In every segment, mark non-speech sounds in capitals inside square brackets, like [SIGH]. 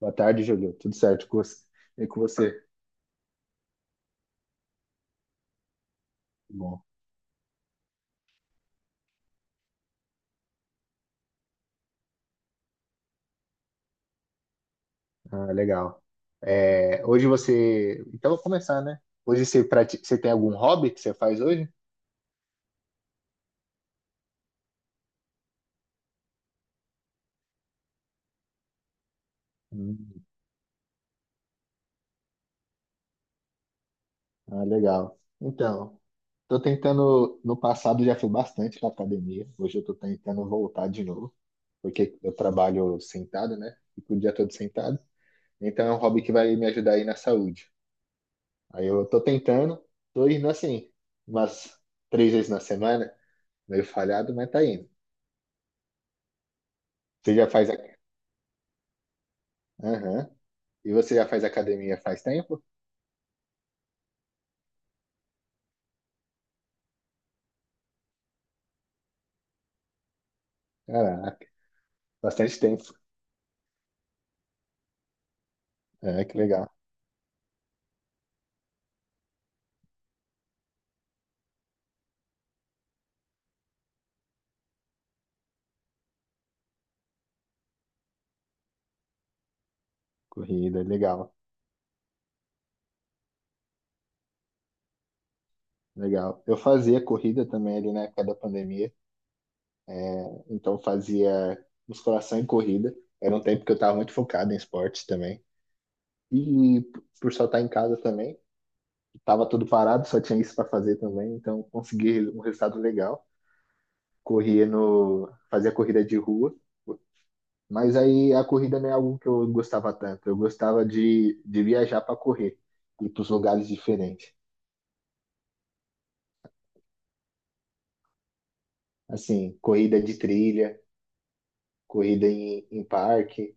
Boa tarde, Júlio. Tudo certo com você? E com você? Bom, ah, legal. É, hoje você. Então, vou começar, né? Hoje você, você tem algum hobby que você faz hoje? Hum, ah, legal. Então, tô tentando. No passado já fui bastante na academia. Hoje eu tô tentando voltar de novo, porque eu trabalho sentado, né? Fico o dia todo sentado. Então, é um hobby que vai me ajudar aí na saúde. Aí eu tô tentando, tô indo assim, umas três vezes na semana, meio falhado, mas tá indo. Você já faz. A- Aham. E você já faz academia faz tempo? Caraca, bastante tempo. É, que legal. Corrida, legal, legal. Eu fazia corrida também ali na época da pandemia. É, então fazia musculação e corrida. Era um tempo que eu estava muito focado em esportes também. E por só estar em casa também, estava tudo parado, só tinha isso para fazer também. Então consegui um resultado legal. Corria no, fazia corrida de rua. Mas aí a corrida não é algo que eu gostava tanto. Eu gostava de viajar para correr, ir para os lugares diferentes. Assim, corrida de trilha, corrida em parque.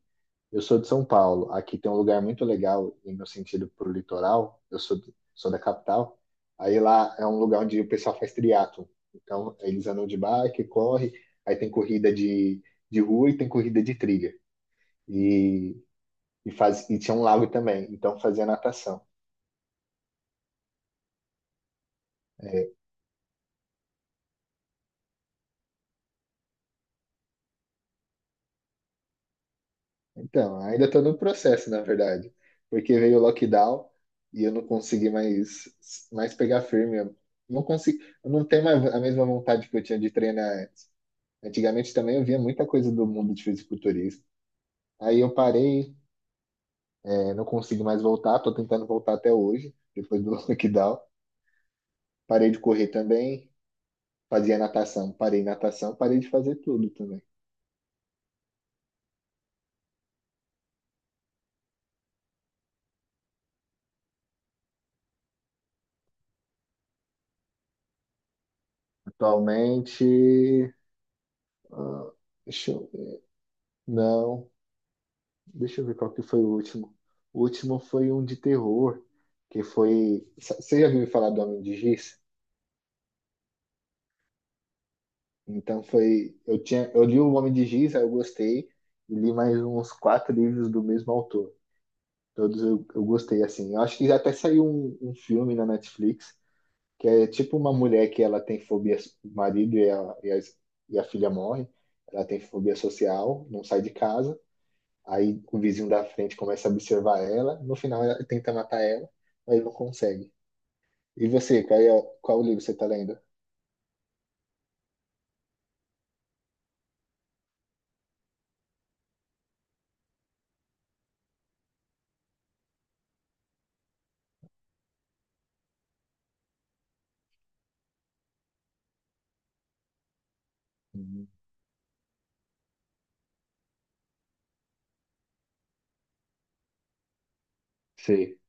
Eu sou de São Paulo. Aqui tem um lugar muito legal, em meu sentido, pro litoral. Sou da capital. Aí lá é um lugar onde o pessoal faz triatlo. Então, eles andam de bike, corre. Aí tem corrida de rua e tem corrida de trilha. E, e tinha um lago também. Então, fazia natação. Então, ainda estou no processo, na verdade, porque veio o lockdown e eu não consegui mais pegar firme. Eu não tenho mais a mesma vontade que eu tinha de treinar antes. Antigamente também eu via muita coisa do mundo de fisiculturismo. Aí eu parei, não consigo mais voltar, estou tentando voltar até hoje, depois do [LAUGHS] lockdown. Parei de correr também, fazia natação, parei de fazer tudo também. Atualmente, deixa eu, não. Deixa eu ver qual que foi o último. O último foi um de terror, que foi. Você já ouviu falar do Homem de Giz? Então foi. Eu li o Homem de Giz, aí eu gostei, e li mais uns quatro livros do mesmo autor. Todos eu gostei, assim. Eu acho que já até saiu um filme na Netflix, que é tipo uma mulher que ela tem fobia, o marido e a, e a, e a filha morre, ela tem fobia social, não sai de casa. Aí o vizinho da frente começa a observar ela, no final ela tenta matar ela, mas não consegue. E você, qual livro você tá lendo? Uhum. Sei,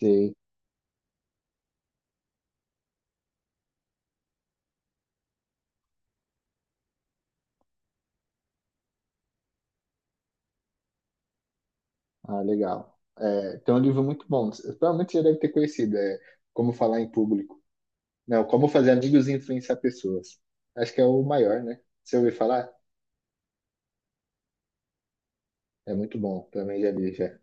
sei. Ah, legal. É, tem um livro muito bom, provavelmente você já deve ter conhecido, é Como Falar em Público. Não, Como Fazer Amigos e Influenciar Pessoas. Acho que é o maior, né? Você ouviu falar? É muito bom, também já li já.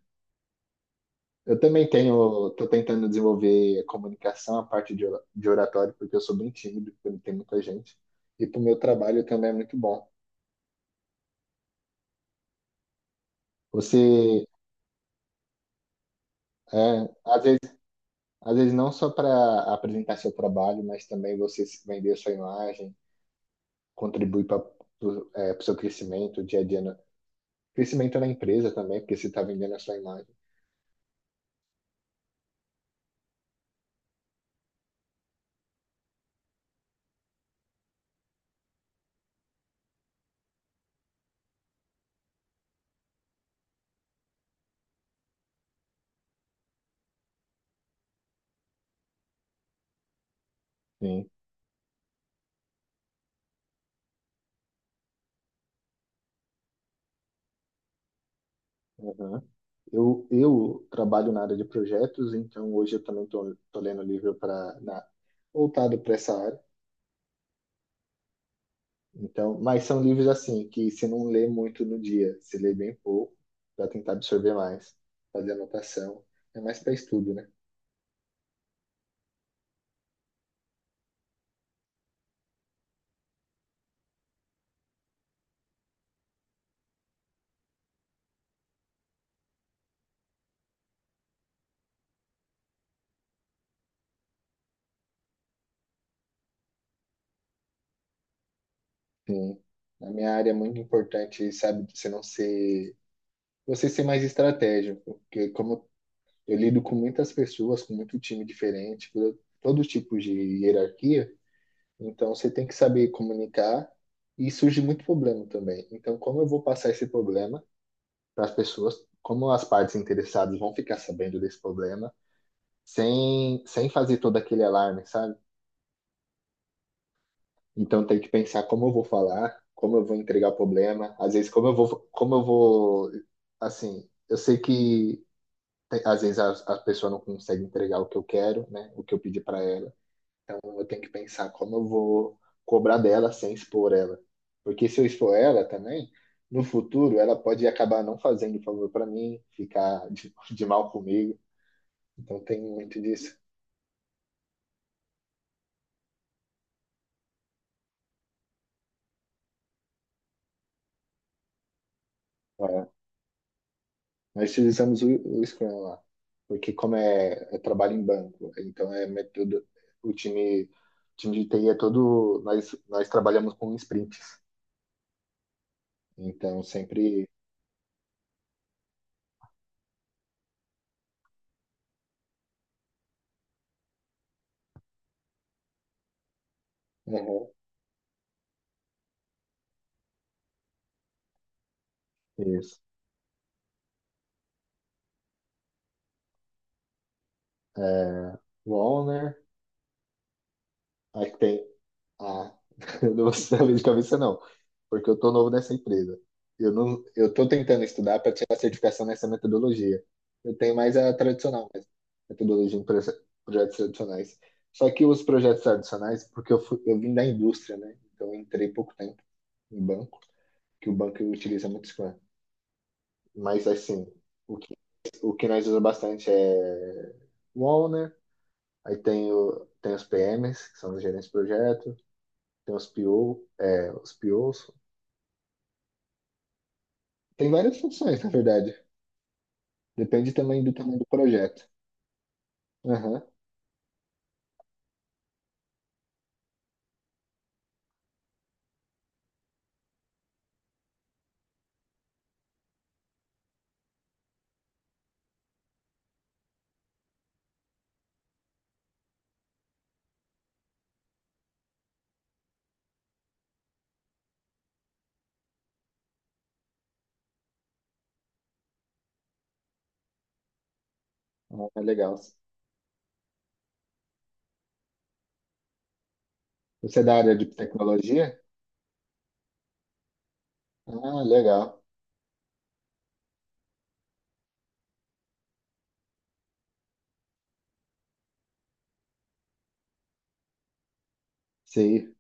Tô tentando desenvolver a comunicação, a parte de oratório, porque eu sou bem tímido, porque tem muita gente. E para o meu trabalho também é muito bom. Você, é, às vezes não só para apresentar seu trabalho, mas também você se vender sua imagem, contribuir para o seu crescimento dia a dia, crescimento na empresa também, porque você está vendendo a sua imagem. Sim. Aham. Eu trabalho na área de projetos, então hoje eu também estou lendo livro para voltado para essa área. Então, mas são livros assim, que você não lê muito no dia, você lê bem pouco, para tentar absorver mais, fazer anotação. É mais para estudo, né? Sim. Na minha área é muito importante, sabe, você não ser, você ser mais estratégico, porque como eu lido com muitas pessoas, com muito time diferente, com todo tipo de hierarquia, então você tem que saber comunicar e surge muito problema também. Então, como eu vou passar esse problema para as pessoas? Como as partes interessadas vão ficar sabendo desse problema? Sem fazer todo aquele alarme, sabe? Então tem que pensar como eu vou falar, como eu vou entregar o problema, às vezes como eu vou, assim, eu sei que às vezes a pessoa não consegue entregar o que eu quero, né? O que eu pedi para ela. Então eu tenho que pensar como eu vou cobrar dela sem expor ela. Porque se eu expor ela também, no futuro ela pode acabar não fazendo favor para mim, ficar de mal comigo. Então tem muito disso. É, nós utilizamos o Scrum lá, porque como é, é trabalho em banco, então é método, o time de TI é todo, nós trabalhamos com sprints, então sempre, uhum, isso, é, o owner, aí tem, ah, [LAUGHS] eu não vou saber de cabeça não, porque eu tô novo nessa empresa. Eu não, eu tô tentando estudar para tirar a certificação nessa metodologia. Eu tenho mais a tradicional, mesmo, metodologia em projetos tradicionais. Só que os projetos tradicionais, porque eu vim da indústria, né? Então eu entrei pouco tempo em banco, que o banco utiliza muito Scrum. Mas assim, o que, o que nós usamos bastante é o owner, aí tem, o, tem os PMs, que são os gerentes de projeto, tem os PO, é, os POs, tem várias funções, na verdade. Depende também do tamanho do projeto. Aham. Ah, legal. Você é da área de tecnologia? Ah, legal. Sim,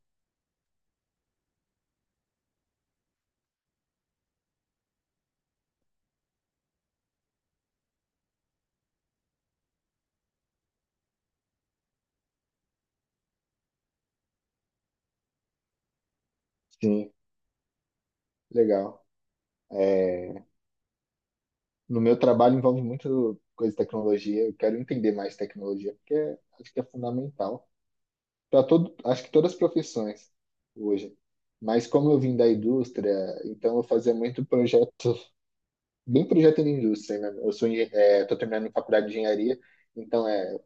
sim, legal. É, no meu trabalho envolve muito coisa de tecnologia. Eu quero entender mais tecnologia, porque acho que é fundamental para todo, acho que todas as profissões hoje. Mas como eu vim da indústria, então eu fazia muito projeto, bem projeto de indústria, né? Eu sou, estou terminando faculdade de engenharia, então é.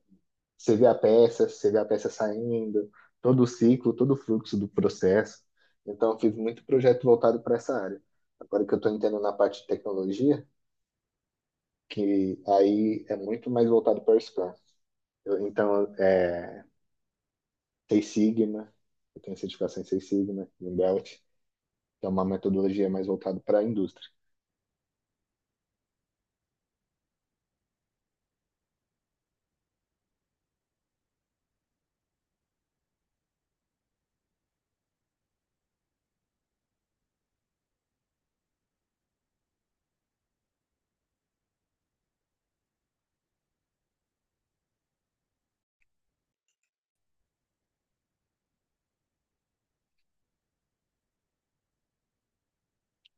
Você vê a peça, você vê a peça saindo, todo o ciclo, todo o fluxo do processo. Então, eu fiz muito projeto voltado para essa área. Agora que eu estou entrando na parte de tecnologia, que aí é muito mais voltado para o Scrum. Eu- então, é, Six Sigma, eu tenho certificação em Six Sigma, em Belt, que é uma metodologia mais voltada para a indústria.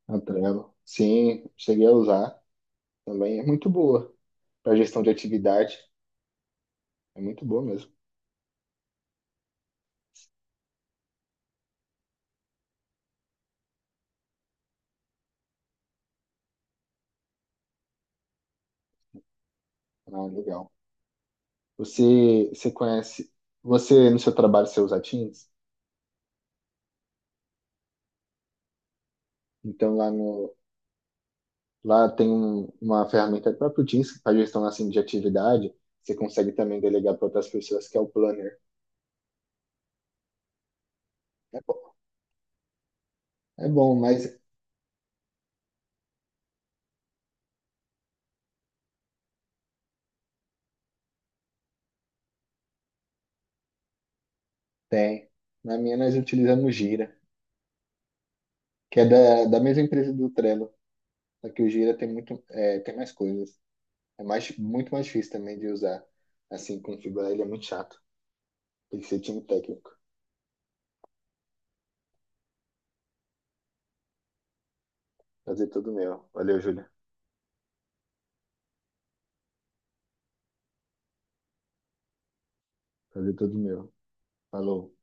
A Trello, sim, cheguei a usar também, é muito boa para gestão de atividade, é muito boa mesmo. Ah, legal. Você, você conhece, você no seu trabalho você usa Teams? Então lá no lá tem uma ferramenta do próprio Teams que faz gestão assim de atividade. Você consegue também delegar para outras pessoas que é o Planner. É bom, é bom, mas tem. Na minha nós utilizamos o Gira, que é da, da mesma empresa do Trello. Só que o Gira tem muito é, tem mais coisas. É mais muito mais difícil também de usar. Assim configurar ele é muito chato. Tem que ser time técnico. Fazer tudo meu. Valeu, Júlia. Fazer tudo meu. Falou.